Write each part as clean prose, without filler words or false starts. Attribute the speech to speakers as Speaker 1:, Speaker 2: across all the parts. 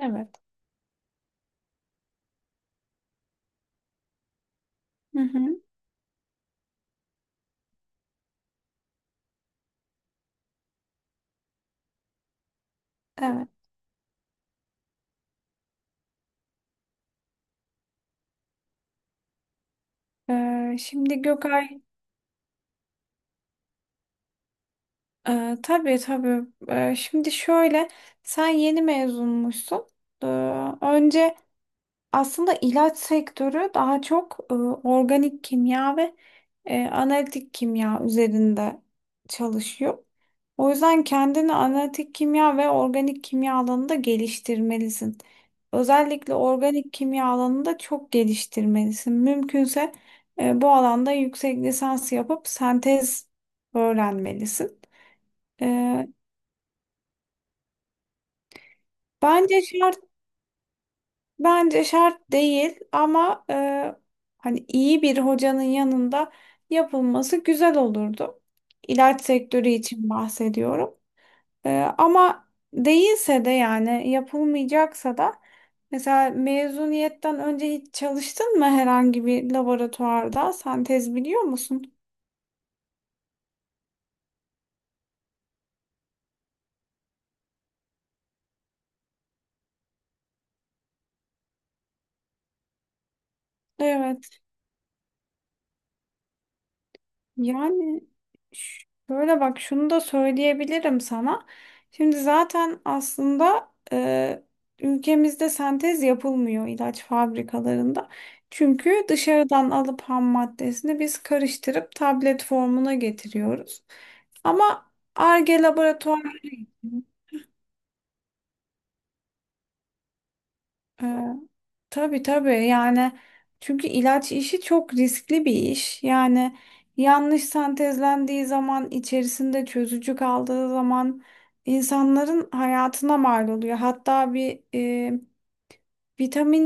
Speaker 1: Evet. Hı hı. Evet. Şimdi Gökay, tabii tabii. Şimdi şöyle, sen yeni mezunmuşsun. Ee, önce aslında ilaç sektörü daha çok organik kimya ve analitik kimya üzerinde çalışıyor. O yüzden kendini analitik kimya ve organik kimya alanında geliştirmelisin. Özellikle organik kimya alanında çok geliştirmelisin. Mümkünse bu alanda yüksek lisans yapıp sentez öğrenmelisin. E, Bence şart. Bence şart değil, ama hani iyi bir hocanın yanında yapılması güzel olurdu. İlaç sektörü için bahsediyorum. E, Ama değilse de, yani yapılmayacaksa da mesela mezuniyetten önce hiç çalıştın mı herhangi bir laboratuvarda? Sen tez biliyor musun? Evet. Yani şöyle, bak, şunu da söyleyebilirim sana. Şimdi zaten aslında ülkemizde sentez yapılmıyor ilaç fabrikalarında. Çünkü dışarıdan alıp ham maddesini biz karıştırıp tablet formuna getiriyoruz. Ama Ar-Ge laboratuvar. e, Tabii tabii, yani çünkü ilaç işi çok riskli bir iş. Yani yanlış sentezlendiği zaman, içerisinde çözücü kaldığı zaman insanların hayatına mal oluyor. Hatta bir vitamin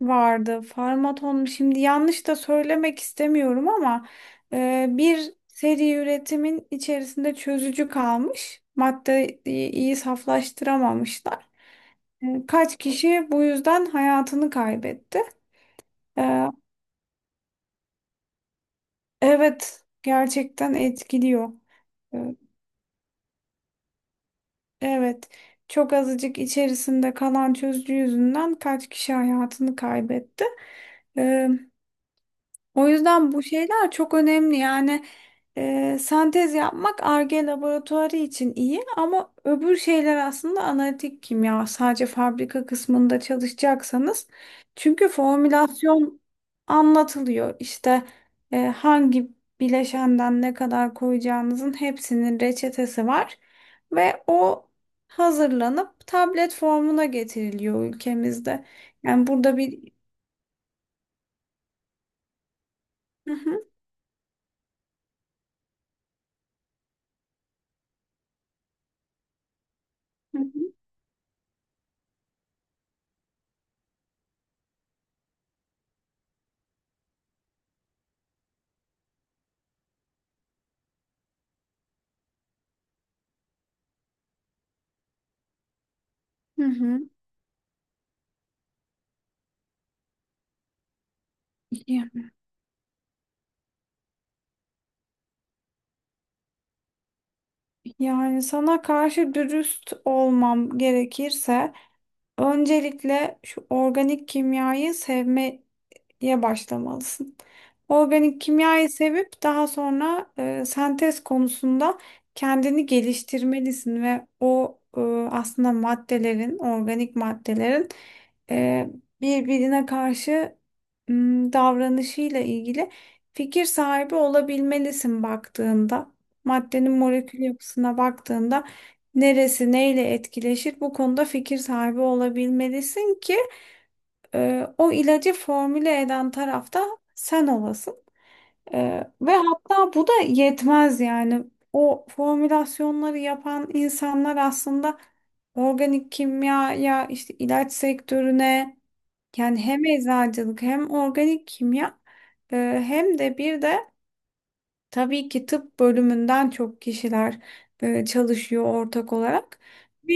Speaker 1: vardı. Farmaton mu? Şimdi yanlış da söylemek istemiyorum ama bir seri üretimin içerisinde çözücü kalmış. Maddeyi iyi saflaştıramamışlar. Kaç kişi bu yüzden hayatını kaybetti. E, Evet, gerçekten etkiliyor. E, Evet, çok azıcık içerisinde kalan çözücü yüzünden kaç kişi hayatını kaybetti. E, O yüzden bu şeyler çok önemli. Yani sentez yapmak Ar-Ge laboratuvarı için iyi, ama öbür şeyler aslında analitik kimya. Sadece fabrika kısmında çalışacaksanız. Çünkü formülasyon anlatılıyor. İşte hangi bileşenden ne kadar koyacağınızın hepsinin reçetesi var. Ve o hazırlanıp tablet formuna getiriliyor ülkemizde. Yani burada bir. Hı hı, hı hı, hı hı. Yani sana karşı dürüst olmam gerekirse, öncelikle şu organik kimyayı sevme diye başlamalısın. Organik kimyayı sevip daha sonra sentez konusunda kendini geliştirmelisin ve o aslında maddelerin, organik maddelerin e, birbirine karşı davranışıyla ilgili fikir sahibi olabilmelisin baktığında. Maddenin molekül yapısına baktığında neresi neyle etkileşir, bu konuda fikir sahibi olabilmelisin ki o ilacı formüle eden tarafta sen olasın. E, Ve hatta bu da yetmez, yani. O formülasyonları yapan insanlar aslında organik kimyaya, işte ilaç sektörüne, yani hem eczacılık, hem organik kimya, e, hem de bir de tabii ki tıp bölümünden çok kişiler çalışıyor ortak olarak. Ve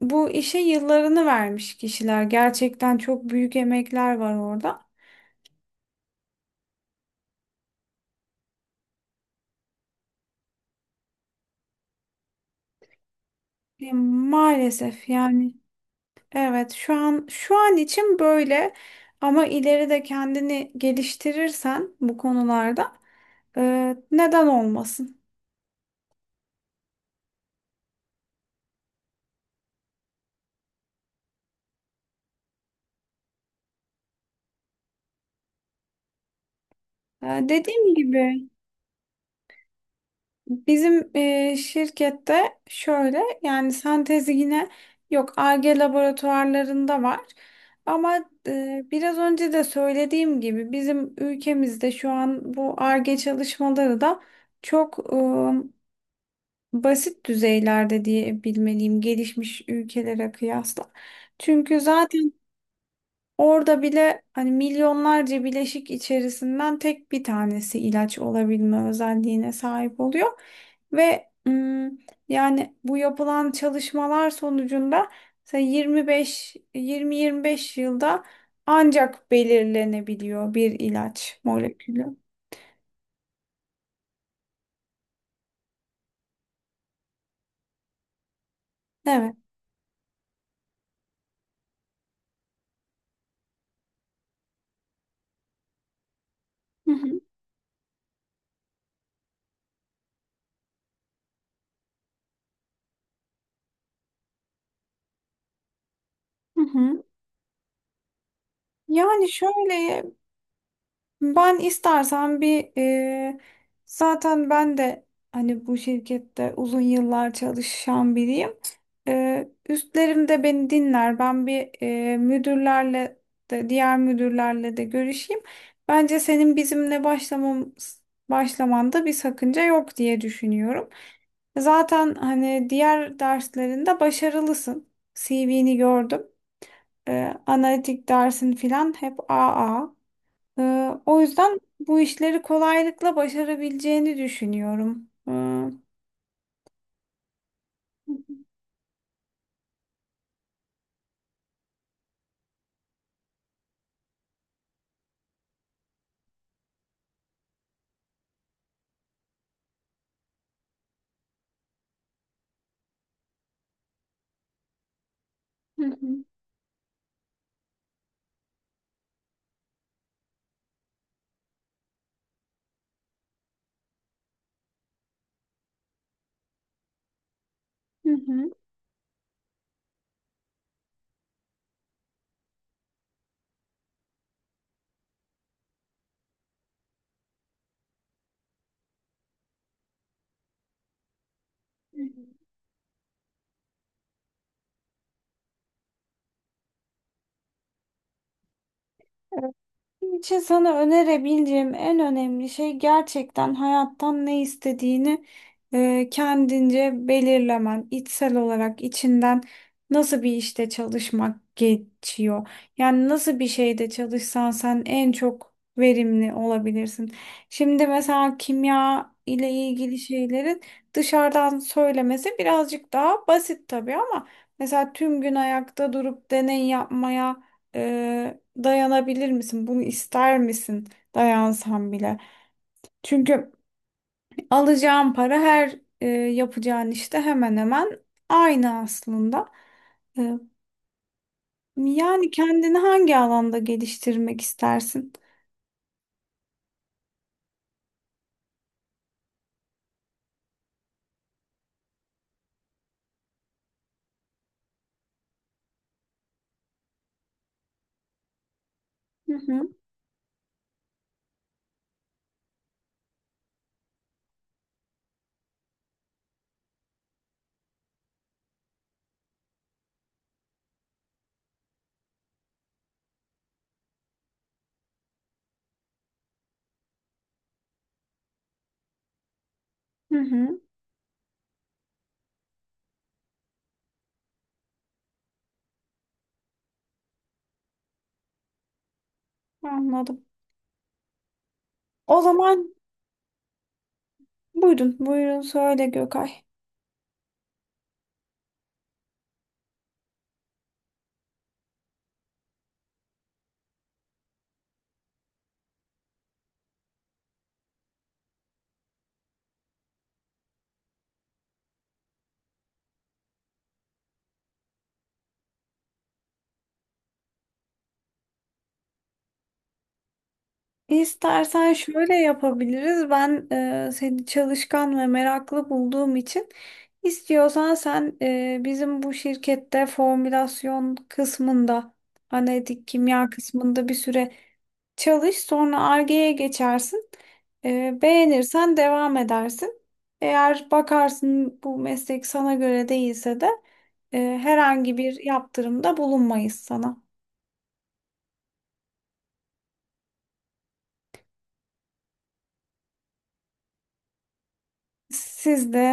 Speaker 1: bu işe yıllarını vermiş kişiler. Gerçekten çok büyük emekler var orada. Maalesef yani, evet, şu an için böyle, ama ileride kendini geliştirirsen bu konularda neden olmasın? Dediğim gibi bizim şirkette şöyle, yani sentezi yine yok, Ar-Ge laboratuvarlarında var. Ama biraz önce de söylediğim gibi bizim ülkemizde şu an bu Ar-Ge çalışmaları da çok basit düzeylerde diye bilmeliyim, gelişmiş ülkelere kıyasla. Çünkü zaten orada bile hani milyonlarca bileşik içerisinden tek bir tanesi ilaç olabilme özelliğine sahip oluyor. Ve yani bu yapılan çalışmalar sonucunda mesela 25 20-25 yılda ancak belirlenebiliyor bir ilaç molekülü. Evet. Hı hı. Hı hı. Yani şöyle, ben istersen bir, zaten ben de hani bu şirkette uzun yıllar çalışan biriyim. Üstlerim de beni dinler. Ben bir müdürlerle de, diğer müdürlerle de görüşeyim. Bence senin bizimle başlamanda bir sakınca yok diye düşünüyorum. Zaten hani diğer derslerinde başarılısın. CV'ni gördüm. Analitik dersin filan hep AA. O yüzden bu işleri kolaylıkla başarabileceğini düşünüyorum. Hı hı, hı hı. Benim için sana önerebileceğim en önemli şey, gerçekten hayattan ne istediğini kendince belirlemen, içsel olarak içinden nasıl bir işte çalışmak geçiyor. Yani nasıl bir şeyde çalışsan sen en çok verimli olabilirsin. Şimdi mesela kimya ile ilgili şeylerin dışarıdan söylemesi birazcık daha basit tabii, ama mesela tüm gün ayakta durup deney yapmaya dayanabilir misin? Bunu ister misin? Dayansam bile. Çünkü alacağın para her yapacağın işte hemen hemen aynı aslında. Ee, Yani kendini hangi alanda geliştirmek istersin? Hı hı, hı hı, anladım. O zaman buyurun, buyurun söyle Gökay. İstersen şöyle yapabiliriz. Ben seni çalışkan ve meraklı bulduğum için, istiyorsan sen bizim bu şirkette formülasyon kısmında, analitik kimya kısmında bir süre çalış. Sonra Ar-Ge'ye geçersin. Beğenirsen devam edersin. Eğer bakarsın bu meslek sana göre değilse de herhangi bir yaptırımda bulunmayız sana. Siz de